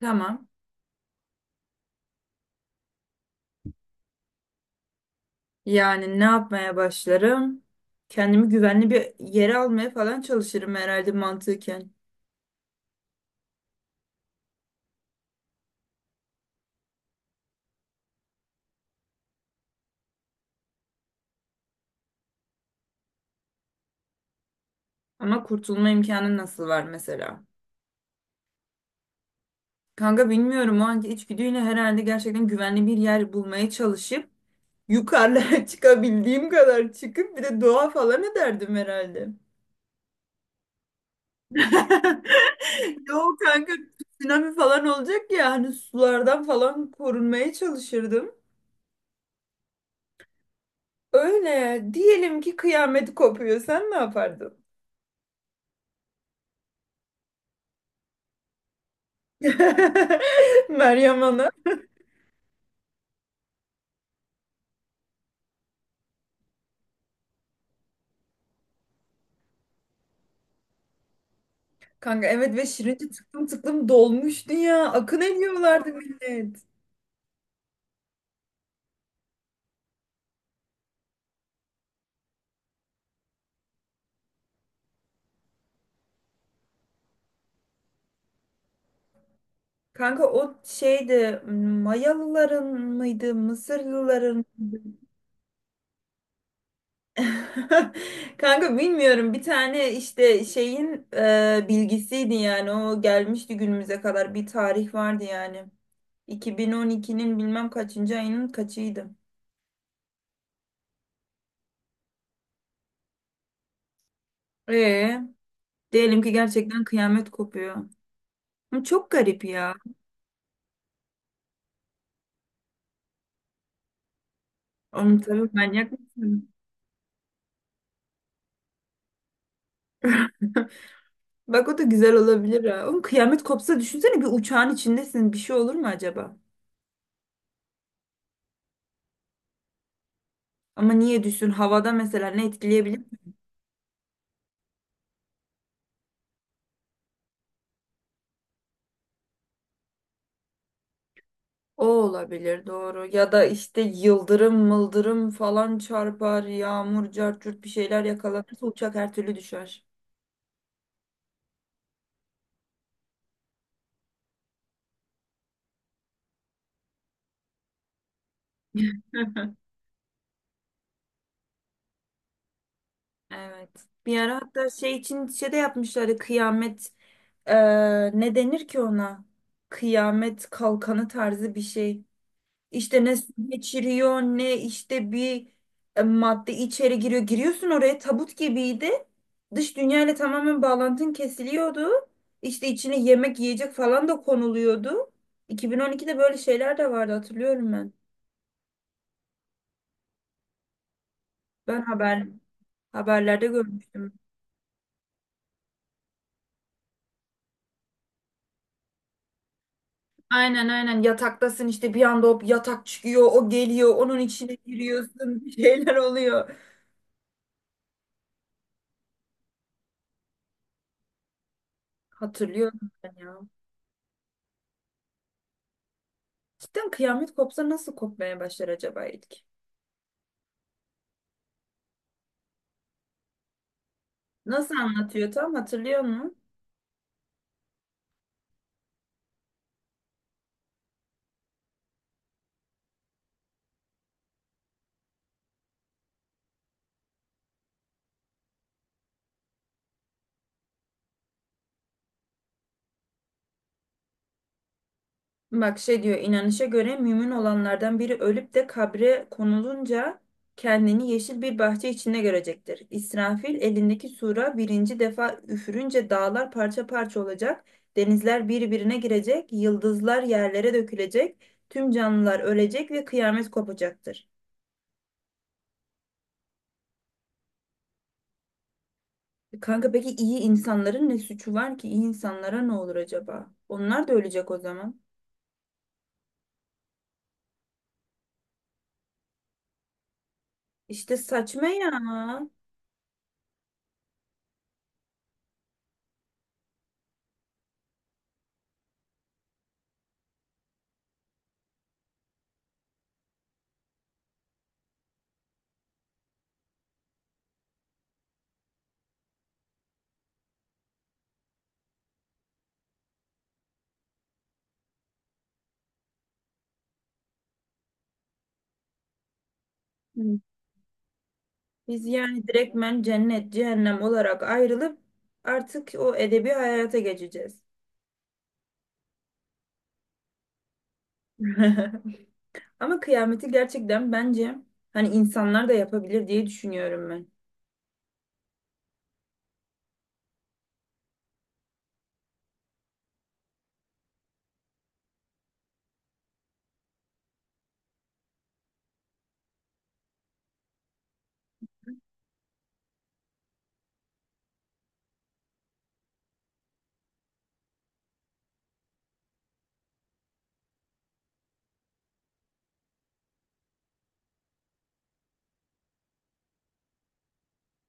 Tamam. Yani ne yapmaya başlarım? Kendimi güvenli bir yere almaya falan çalışırım herhalde mantıken. Ama kurtulma imkanı nasıl var mesela? Kanka bilmiyorum, o anki içgüdüyle herhalde gerçekten güvenli bir yer bulmaya çalışıp yukarılara çıkabildiğim kadar çıkıp bir de doğa falan ederdim herhalde. Yok kanka, tsunami falan olacak ya, hani sulardan falan korunmaya çalışırdım. Öyle diyelim ki kıyamet kopuyor, sen ne yapardın? Meryem Ana. Kanka evet, ve Şirince tıklım tıklım dolmuştu ya. Akın ediyorlardı millet. Kanka o şeydi, Mayalıların mıydı Mısırlıların mıydı? Kanka bilmiyorum, bir tane işte şeyin bilgisiydi yani, o gelmişti günümüze kadar, bir tarih vardı yani. 2012'nin bilmem kaçıncı ayının kaçıydı. Ee, Diyelim ki gerçekten kıyamet kopuyor. Ama çok garip ya. Onu tabii, manyak mısın? Bak o da güzel olabilir ha. Oğlum kıyamet kopsa düşünsene, bir uçağın içindesin. Bir şey olur mu acaba? Ama niye düşsün? Havada mesela ne etkileyebilir? O olabilir, doğru. Ya da işte yıldırım mıldırım falan çarpar. Yağmur cart curt bir şeyler yakalanırsa uçak her türlü düşer. Evet. Bir ara hatta şey için şey de yapmışlardı. Kıyamet ne denir ki ona? Kıyamet kalkanı tarzı bir şey. İşte ne su geçiriyor ne işte bir madde içeri giriyor. Giriyorsun oraya, tabut gibiydi. Dış dünyayla tamamen bağlantın kesiliyordu. İşte içine yemek yiyecek falan da konuluyordu. 2012'de böyle şeyler de vardı, hatırlıyorum ben. Ben haber Haberlerde görmüştüm. Aynen aynen, yataktasın işte, bir anda o yatak çıkıyor, o geliyor, onun içine giriyorsun, bir şeyler oluyor. Hatırlıyorum ben ya. Cidden kıyamet kopsa nasıl kopmaya başlar acaba ilk? Nasıl anlatıyor, tam hatırlıyor musun? Bak şey diyor, inanışa göre mümin olanlardan biri ölüp de kabre konulunca kendini yeşil bir bahçe içinde görecektir. İsrafil elindeki sura birinci defa üfürünce dağlar parça parça olacak, denizler birbirine girecek, yıldızlar yerlere dökülecek, tüm canlılar ölecek ve kıyamet kopacaktır. E kanka, peki iyi insanların ne suçu var ki? İyi insanlara ne olur acaba? Onlar da ölecek o zaman. İşte saçma ya. Biz yani direktmen cennet cehennem olarak ayrılıp artık o edebi hayata geçeceğiz. Ama kıyameti gerçekten bence hani insanlar da yapabilir diye düşünüyorum ben.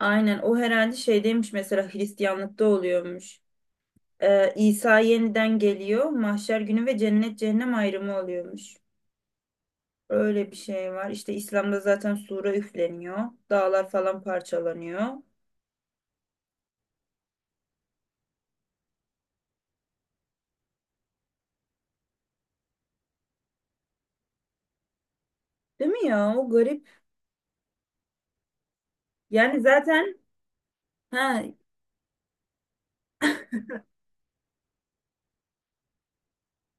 Aynen, o herhalde şeydeymiş mesela, Hristiyanlıkta oluyormuş. İsa yeniden geliyor, mahşer günü ve cennet cehennem ayrımı oluyormuş. Öyle bir şey var. İşte İslam'da zaten sura üfleniyor, dağlar falan parçalanıyor. Değil mi ya? O garip. Yani zaten ha,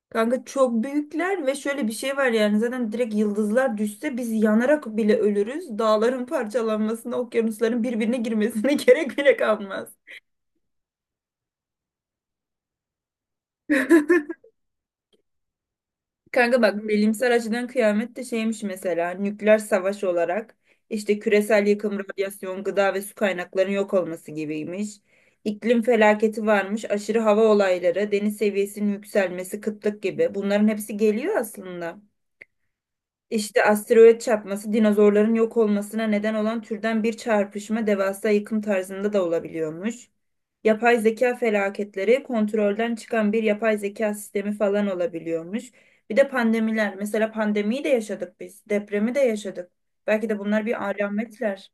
kanka çok büyükler ve şöyle bir şey var yani, zaten direkt yıldızlar düşse biz yanarak bile ölürüz. Dağların parçalanmasına, okyanusların birbirine girmesine gerek bile kalmaz. Kanka bak, bilimsel açıdan kıyamet de şeymiş mesela, nükleer savaş olarak işte küresel yıkım, radyasyon, gıda ve su kaynaklarının yok olması gibiymiş. İklim felaketi varmış, aşırı hava olayları, deniz seviyesinin yükselmesi, kıtlık gibi. Bunların hepsi geliyor aslında. İşte asteroid çarpması, dinozorların yok olmasına neden olan türden bir çarpışma, devasa yıkım tarzında da olabiliyormuş. Yapay zeka felaketleri, kontrolden çıkan bir yapay zeka sistemi falan olabiliyormuş. Bir de pandemiler. Mesela pandemiyi de yaşadık biz. Depremi de yaşadık. Belki de bunlar bir alametler.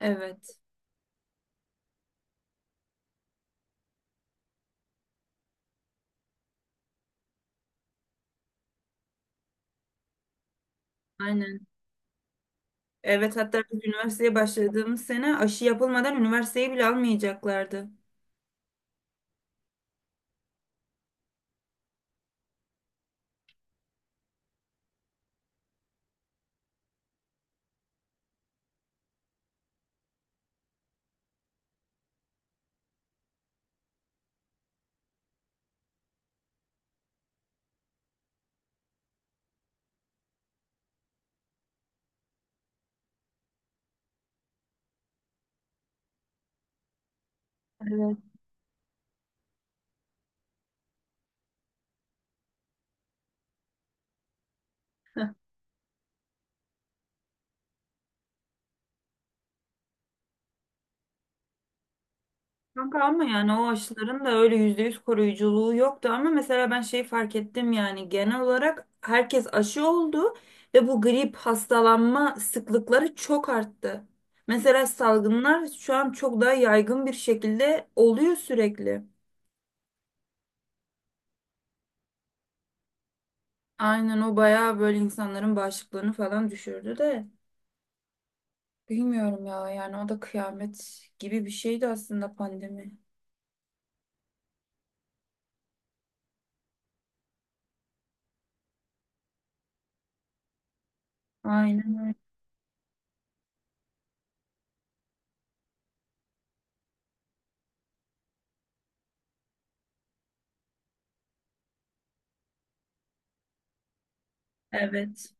Evet. Aynen. Evet, hatta biz üniversiteye başladığımız sene aşı yapılmadan üniversiteyi bile almayacaklardı. Evet. Kanka ama yani o aşıların da öyle %100 koruyuculuğu yoktu, ama mesela ben şeyi fark ettim, yani genel olarak herkes aşı oldu ve bu grip hastalanma sıklıkları çok arttı. Mesela salgınlar şu an çok daha yaygın bir şekilde oluyor sürekli. Aynen, o bayağı böyle insanların bağışıklığını falan düşürdü de, bilmiyorum ya yani, o da kıyamet gibi bir şeydi aslında pandemi. Aynen öyle. Evet.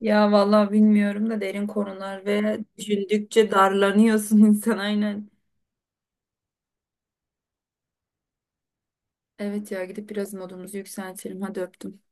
Ya vallahi bilmiyorum da, derin konular ve düşündükçe darlanıyorsun insan, aynen. Evet ya, gidip biraz modumuzu yükseltelim. Hadi öptüm.